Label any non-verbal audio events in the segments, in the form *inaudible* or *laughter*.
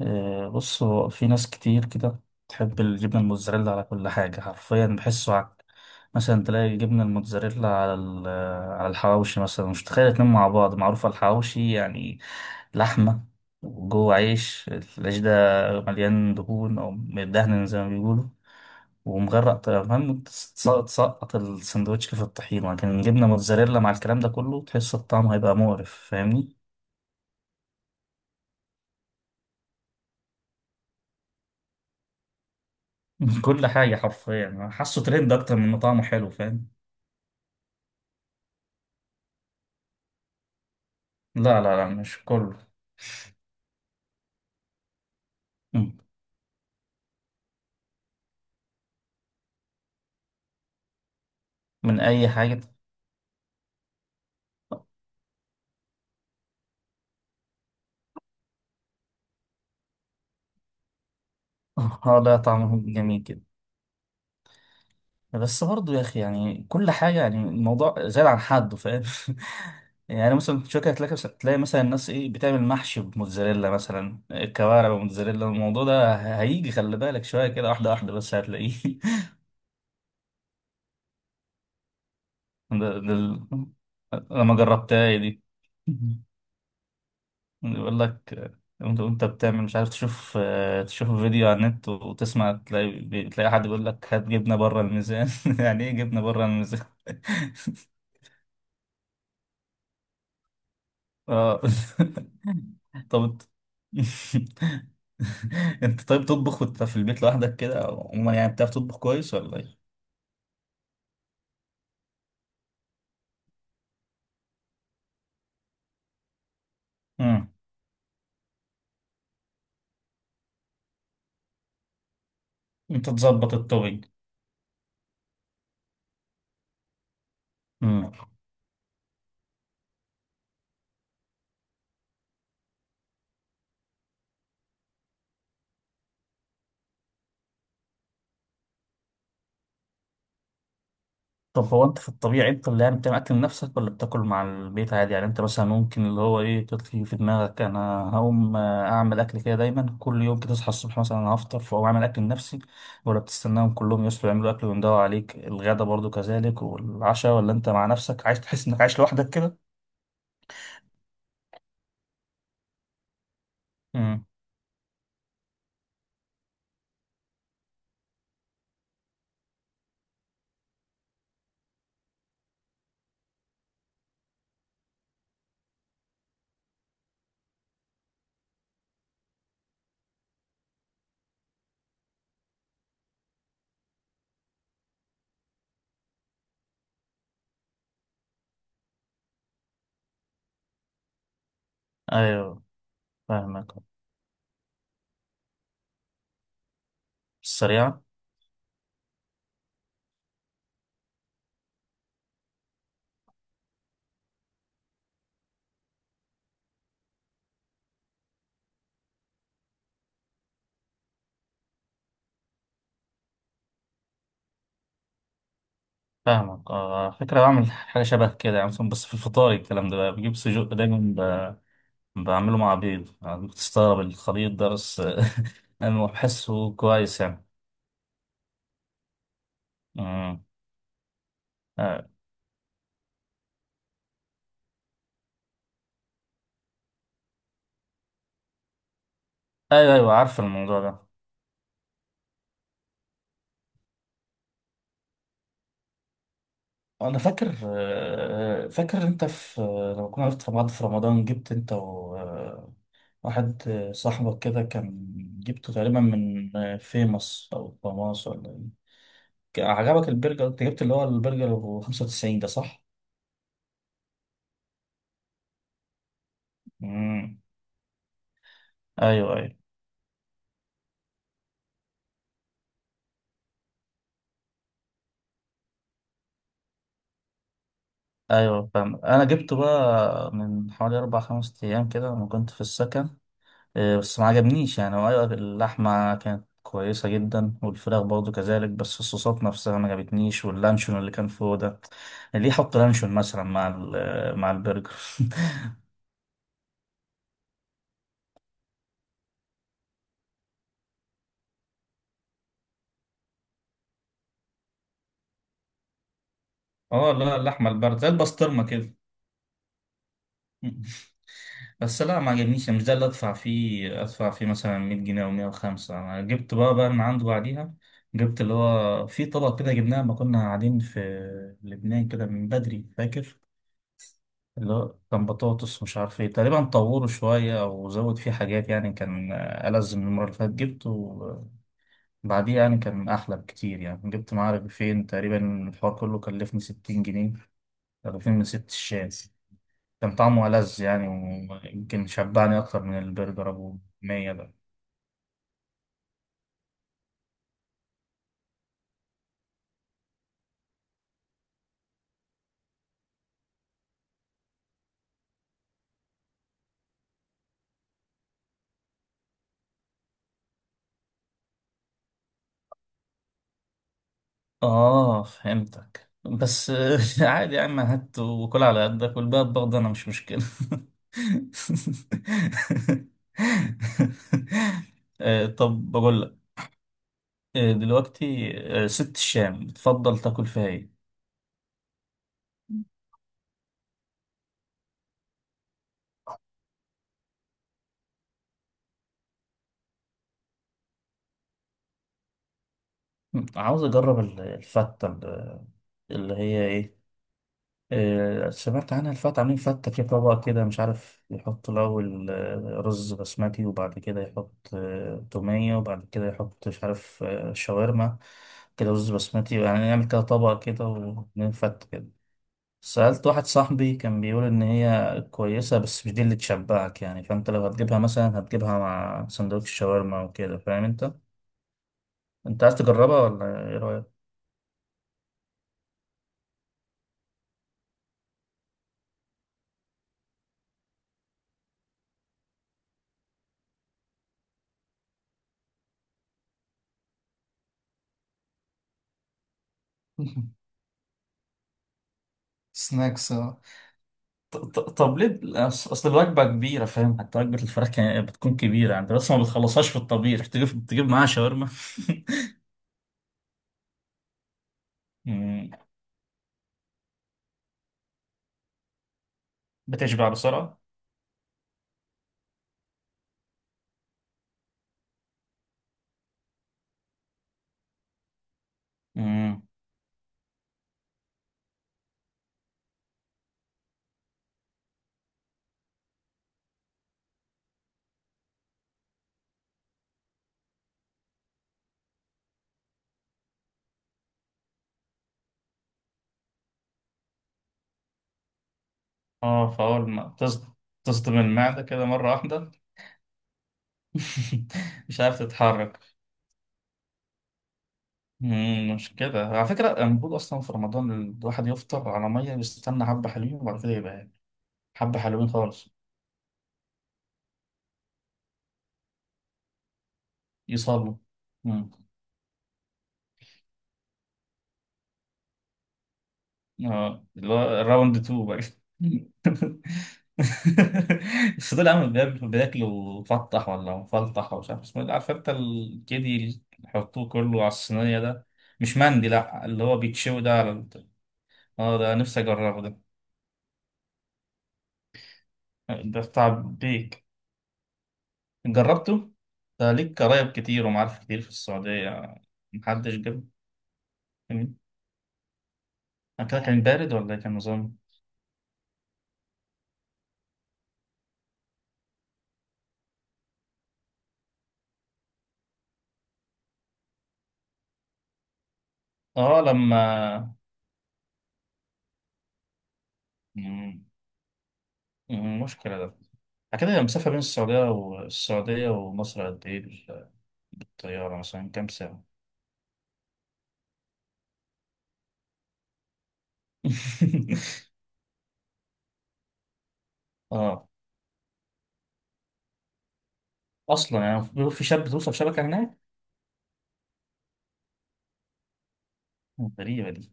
بص هو في ناس كتير كده تحب الجبنة الموتزاريلا على كل حاجة حرفيا بحسه عك. مثلا تلاقي الجبنة الموتزاريلا على على الحواوشي مثلا، مش تخيل اتنين مع بعض معروف على الحواوشي يعني، لحمة وجوه عيش، العيش ده مليان دهون أو مدهن زي ما بيقولوا ومغرق طبعا. المهم تسقط السندوتش في الطحين، لكن جبنة موتزاريلا مع الكلام ده كله تحس الطعم هيبقى مقرف، فاهمني؟ *laughs* كل حاجة حرفيا، حاسه ترند أكتر من إنه طعمه حلو، فاهم؟ لا لا لا، مش كله. مم. من أي حاجة. اه، لا طعمه جميل كده، بس برضه يا أخي يعني كل حاجة، يعني الموضوع زاد عن حده، فاهم؟ *laughs* يعني مثلا في شوكة، تلاقي مثلا الناس إيه بتعمل محشي بموتزاريلا، مثلا الكوارع بموتزاريلا، الموضوع ده هيجي خلي بالك شوية كده، واحدة واحدة بس هتلاقيه. *laughs* ده ده ال- أنا ما جربتها دي. *laughs* يقول لك انت وانت بتعمل، مش عارف تشوف، تشوف فيديو على النت وتسمع، تلاقي تلاقي حد بيقول لك هات جبنه بره الميزان. *laughs* يعني ايه جبنه بره الميزان؟ *laughs* اه. *laughs* طب انت *laughs* انت طيب تطبخ وانت في البيت لوحدك كده، او يعني بتعرف تطبخ كويس ولا ايه؟ مم. انت تظبط التوبينج. طب هو انت في الطبيعي انت اللي يعني بتعمل اكل لنفسك، ولا بتاكل مع البيت عادي؟ يعني انت مثلا ممكن اللي هو ايه تطفي في دماغك انا هقوم اعمل اكل، كده دايما كل يوم كده تصحى الصبح مثلا انا هفطر فاقوم اعمل اكل لنفسي، ولا بتستناهم كلهم يصحوا يعملوا اكل ويندوا عليك الغدا برضو كذلك والعشاء، ولا انت مع نفسك عايز تحس انك عايش لوحدك كده؟ امم. ايوه. فاهمك. السريعة. فاهمك، اه فكرة، بعمل حاجة شبه كده يعني مثلا، بس في الفطار الكلام ده بقى بجيب سجق دايما، بعمله مع بيض، يعني ممكن تستغرب الخليط ده بس *laughs* انا بحسه كويس يعني. امم. آه، ايوه ايوه، عارف الموضوع ده. انا فاكر، فاكر انت في، لما كنا عرفت بعض في رمضان، جبت انت وواحد صاحبك كده كان، جبته تقريبا من فيموس او فاماس ولا إيه. عجبك البرجر، انت جبت اللي هو البرجر ب 95 ده، صح؟ امم. ايوه ايوه. ايوه فاهم. انا جبته بقى من حوالي اربع خمس ايام كده لما كنت في السكن، إيه، بس ما عجبنيش يعني. هو ايوه اللحمه كانت كويسه جدا والفراخ برضه كذلك، بس الصوصات نفسها ما عجبتنيش، واللانشون اللي كان فوق ده، ليه يحط لانشون مثلا مع مع البرجر؟ *laughs* اه، لا اللحمه البارده زي البسطرمه كده. بس لا ما عجبنيش يعني، مش ده اللي ادفع فيه، ادفع فيه مثلا 100 جنيه او 105. انا جبت بقى من عنده بعديها، جبت اللي هو في طبق كده جبناه لما كنا قاعدين في لبنان كده من بدري، فاكر؟ اللي هو كان بطاطس مش عارف ايه، تقريبا طوره شوية او زود فيه حاجات يعني، كان ألذ من المرة اللي فاتت جبته بعديه، يعني كان احلى بكتير يعني. جبت معاه رغيفين تقريبا، الحوار كله كلفني 60 جنيه، رغيفين من ست الشاي. كان طعمه ألذ يعني، ويمكن شبعني أكتر من البرجر أبو مية ده. اه فهمتك، بس *laughs* عادي يا عم، هات وكل على قدك والباقي برضه انا مش مشكلة. *laughs* طب بقول لك، دلوقتي ست الشام بتفضل تاكل فيها ايه؟ عاوز اجرب الفتة اللي هي ايه، سمعت عنها الفتة، عاملين فتة في طبق كده، مش عارف يحط الأول رز بسمتي، وبعد كده يحط تومية، وبعد كده يحط مش عارف شاورما كده، رز بسمتي يعني، نعمل كده طبق كده ونعمل فتة كده. سألت واحد صاحبي كان بيقول إن هي كويسة، بس مش دي اللي تشبعك يعني، فأنت لو هتجيبها مثلا هتجيبها مع سندوتش شاورما وكده، فاهم أنت؟ أنت عايز تجربها ولا إيه رأيك؟ *laughs* سناكس. طب ليه اصل الوجبه كبيره، فاهم؟ حتى وجبه الفراخ بتكون كبيره يعني، بس ما بتخلصهاش في الطبيخ تجيب تجيب معاها شاورما. *laughs* مم. بتشبع بسرعه. مم. اه فاول ما تصدم المعده كده مره واحده. *laughs* مش عارف تتحرك. مم، مش كده على فكره، المفروض اصلا في رمضان الواحد يفطر على ميه، يستنى حبه حلوين وبعد كده يبقى ياكل. حبه حلوين خالص. يصلوا. مم. اه اللي هو راوند 2 بقى. *laughs* *laughs* بس طول عامل بياكلوا مفطح ولا مفلطح ومش عارف اسمه ايه، عارف انت الكيدي اللي يحطوه كله على الصينية ده؟ مش مندي، لا اللي هو بيتشوي ده على اه ده نفسي اجربه ده، ده بتاع بيك. جربته؟ ده ليك قرايب كتير ومعارف كتير في السعودية، محدش جاب؟ مم. أكلها كان بارد ولا إيه كان نظام؟ اه لما. مم. مم، مشكلة ده. كده المسافة بين السعودية والسعودية ومصر قد ايه بالطيارة مثلا، كام ساعة؟ *laughs* اه اصلا يعني في شاب توصل شبكه هناك. غريبه دي.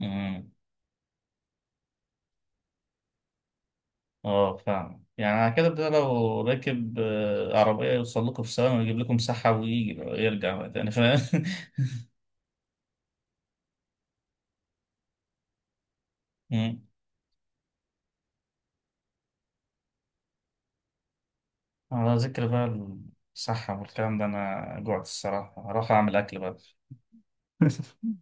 امم. اه فاهم، يعني على كده ده لو راكب عربيه يوصل لكم في ثواني ويجيب لكم سحب ويجي يرجع بقى تاني، فاهم؟ *laughs* أمم. على ذكر بقى الصحه والكلام ده، انا جوعت الصراحه، هروح اعمل اكل بقى. *laughs*